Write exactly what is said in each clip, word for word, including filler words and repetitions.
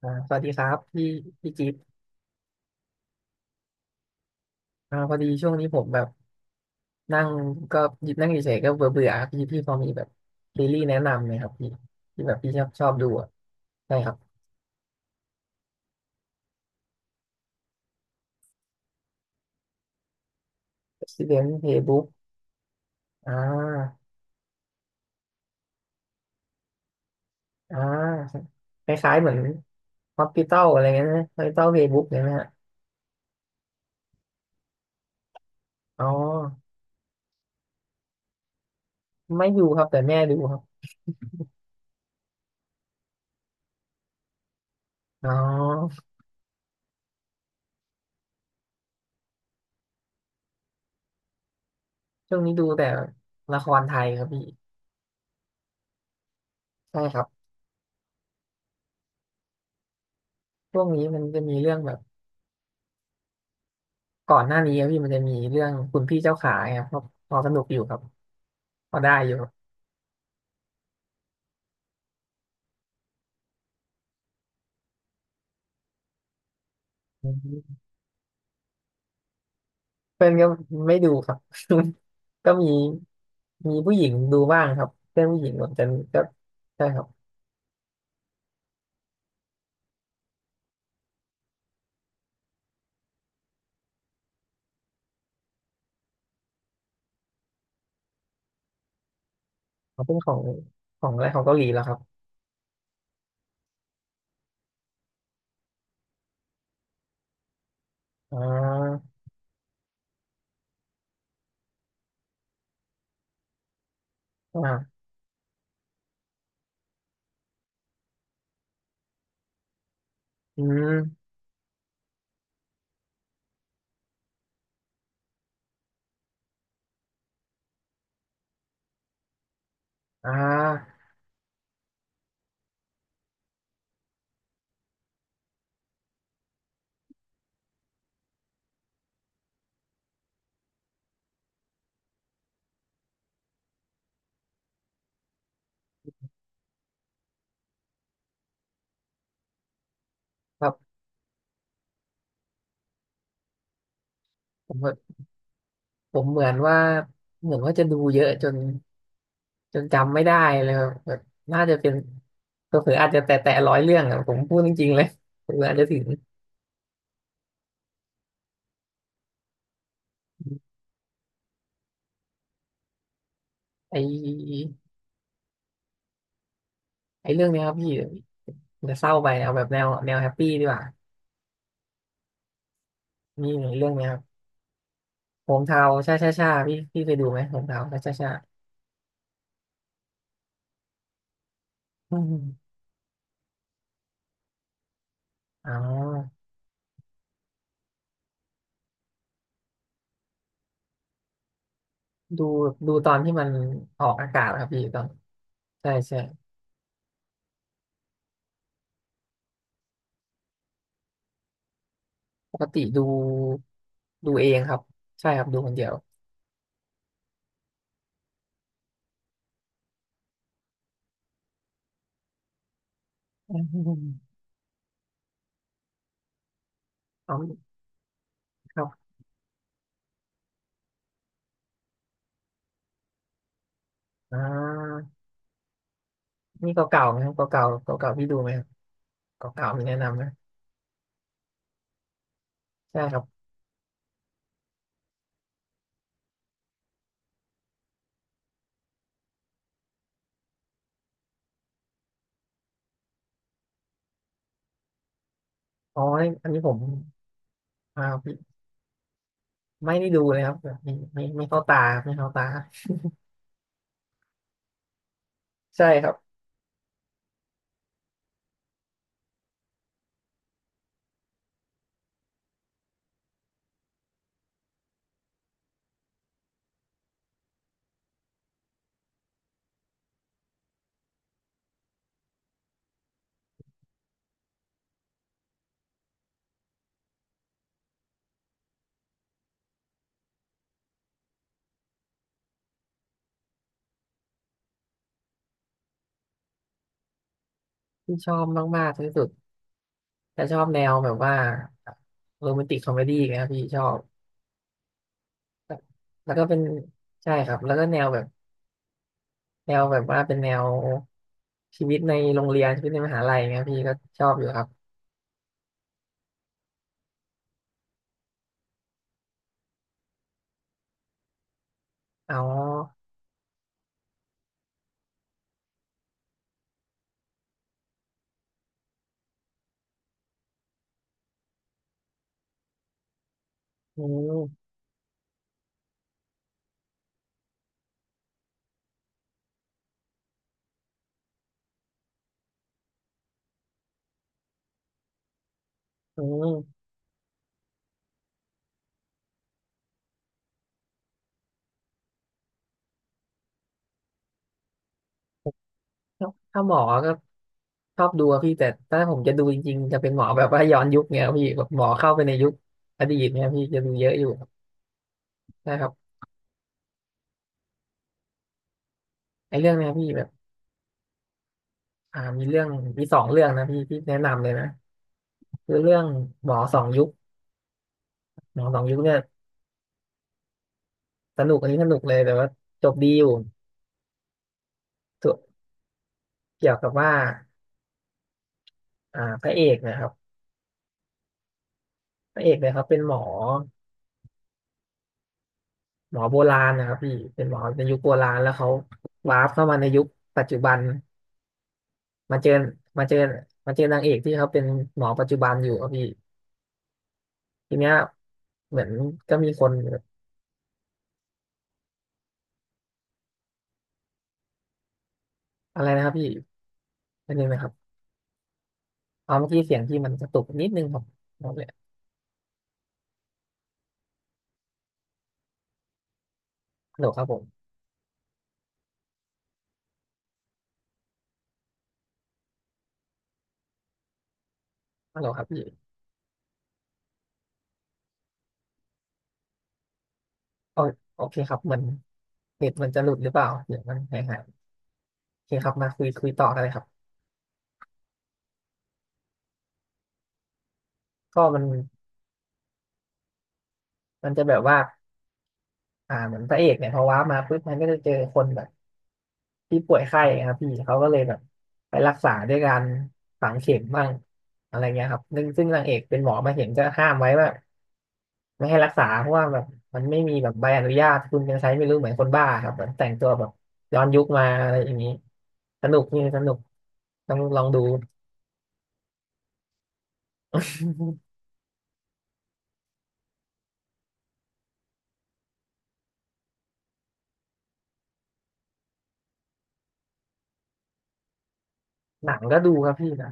อ่าสวัสดีครับพี่พี่จิ๊บอ่าพอดีช่วงนี้ผมแบบนั่งก็หยิบนั่งเฉยๆก็เบื่อเบื่อพี่พี่พอมีแบบซีรีส์แนะนำไหมครับพี่ที่แบบพี่ชอบชอบดูอ่ะใช่ครับ Resident Playbook อ่าอ่าคล้ายๆเหมือน Hospital อะไรเงี้ยนะ Hospital Playbook เนี่ยนะฮะอ๋อไม่ดูครับแต่แม่ดูครับอ๋อช่วงนี้ดูแต่ละครไทยครับพี่ใช่ครับช่วงนี้มันจะมีเรื่องแบบก่อนหน้านี้ครับพี่มันจะมีเรื่องคุณพี่เจ้าขาครับพอพอสนุกอยู่ครับ พอได้อยู่เพื่อนก็ไม่ดูครับ ก็มีมีผู้หญิงดูบ้างครับเพื่อนผู้หญิงเหมือนกันก็ใช่ครับเขาเป็นของของอะไรของเกาหลีแล้วครับอ่าอ่าอืมอ่าครับผมก็ผมเหมือนว่าเหมือนว่าจะดูเยอะจนจนจำไม่ได้เลยครับแบบน่าจะเป็นเผลอๆอาจจะแตะแตะร้อยเรื่องอะผมพูดจริงๆเลยเผลอๆอาจจะถึงไอไอเรื่องเนี้ยครับพี่จะเศร้าไปเอาแบบแนวแนวแฮปปี้ดีกว่า มีเรื่องเนี้ยครับโหงเทาช่าช่าช่าพี่พี่เคยดูไหมโหงเทาช่าช่าช่าอืมอ๋อดูดูตอนที่มันออกอากาศครับพี่ตอนใช่ใช่ปกติดูดูเองครับใช่ครับดูคนเดียวอืมอ๋อครับอ่านี่เก่าๆไหมครับเก่าๆเก่าๆพี่ดูไหมครับเก่าๆมีแนะนำไหมใช่ครับอ๋ออันนี้ผมอ่าไม่ได้ดูเลยครับแบบไม่ไม่ไม่เข้าตาไม่เข้าตาใช่ครับที่ชอบมากๆที่สุด แต่ชอบแนวแบบว่าโรแมนติกคอมเมดี้นะครับพี่ชอบแล้วก็เป็นใช่ครับแล้วก็แนวแบบแนวแบบว่าเป็นแนวชีวิตในโรงเรียนชีวิตในมหาลัยเงี้ยพี่ก็ชอบอยู่ครับอ๋ออืมอืมถ้าถ้าหมอก็ชอบดูอะพี่แต่ถ้าผมจะดูจริงๆจะเป็นหมอแบบว่าย้อนยุคเงี้ยพี่แบบหมอเข้าไปในยุคอดีตเงี้ยพี่จะดูเยอะอยู่ครับใช่ครับไอ้เรื่องเนี้ยพี่แบบอ่ามีเรื่องมีสองเรื่องนะพี่ที่แนะนำเลยนะคือเรื่องหมอสองยุคหมอสองยุคเนี่ย สนุกอันนี้สนุกเลยแต่ว่าจบดีอยู่ตัวเกี่ยวกับว่าอ่าพระเอกนะครับพระเอกเนี่ยเขาเป็นหมอหมอโบราณนะครับพี่เป็นหมอในยุคโบราณแล้วเขาวาร์ปเข้ามาในยุคปัจจุบันมาเจอมาเจอมาเจอนางเอกที่เขาเป็นหมอปัจจุบันอยู่ครับพี่ทีเนี้ยเหมือนก็มีคนอะไรนะครับพี่อันนึงนะครับเอาเมื่อกี้เสียงที่มันกระตุกนิดนึงครับโอาเคฮัลโหลครับผมฮัลโหลครับพี่โอโอเคครับเหมือนเน็ตมันจะหลุดหรือเปล่าเดี๋ยวมันหายหายโอเคครับมาคุยคุยต่อกันเลยครับ ก็มันมันจะแบบว่าอ่าเหมือนพระเอกเนี่ยพอว้าร์ปมาปุ๊บมันก็จะเจอคนแบบที่ป่วยไข้ครับพี่เขาก็เลยแบบไปรักษาด้วยการฝังเข็มบ้างอะไรเงี้ยครับซึ่งซึ่งนางเอกเป็นหมอมาเห็นจะห้ามไว้ว่าไม่ให้รักษาเพราะว่าแบบมันไม่มีแบบใบอนุญาตคุณยังใช้ไม่รู้เหมือนคนบ้าครับเหมือนแต่งตัวแบบย้อนยุคมาอะไรอย่างนี้สนุกนี่สนุกต้องลองดู หนังก็ดูครับพี่หนะ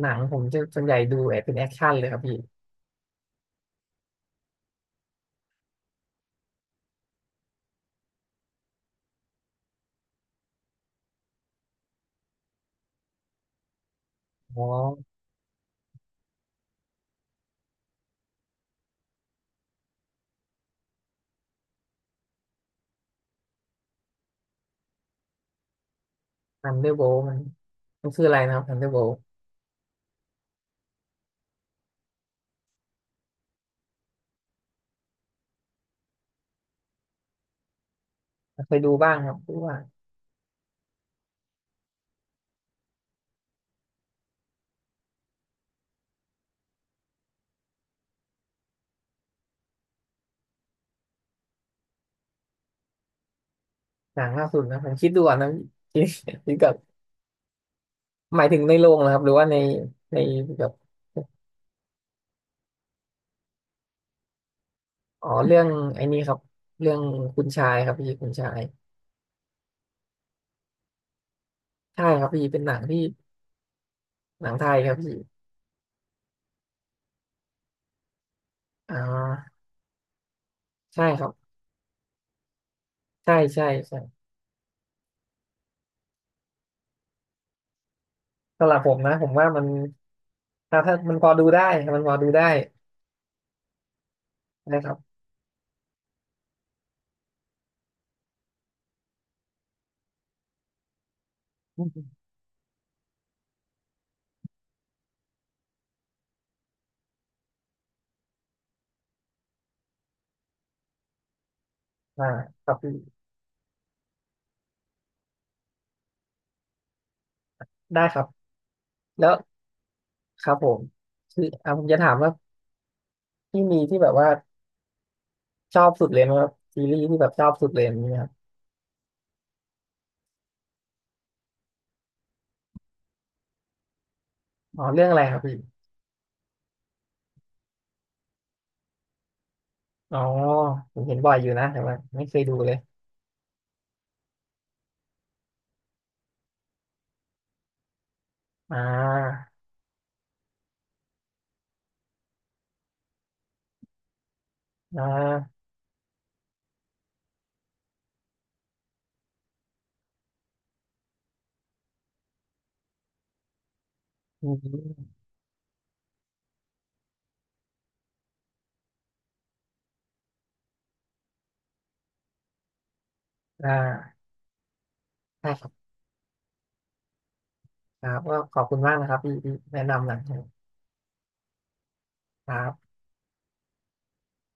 หนังผมจะส่วนใหญ่ดูแบบเป็นแอคชั่นเลยครับพี่อ๋อ ทันเดอร์โบมันมันคืออะไรนะครับทันเดอร์โบเคยดูบ้างครับเพราะว่าหนังล่าสุดนะผมคิดดูก่อนนะคิดคิดกับหมายถึงในโรงนะครับหรือว่าในในแบบอ๋อเรื่องไอ้นี่ครับเรื่องคุณชายครับพี่คุณชายใช่ครับพี่เป็นหนังที่หนังไทยครับพี่อ่าใช่ครับใช่ใช่ใช่สำหรับผมนะผมว่ามันถ้าถ้ามันพอดูได้มันพอดูได้นะครับอืมอ่าครับพี่ได้ครับแล้วครับผมคืออ่ะผมจะถามว่าพี่มีที่แบบว่า ชอบสุดเลยไหมครับซีรีส์ที่แบบชอบสุดเลยมีไหมครับอ๋อเรื่องอะไรครับพี่อ๋อผมเห็นบ่อยอยู่นะแต่ว่าไม่เคยดูเลยอ่าอ่าอืมอ่าได้ครับครับก็ขอบคุณมากนะครับที่ที่แนะนำหนังครับ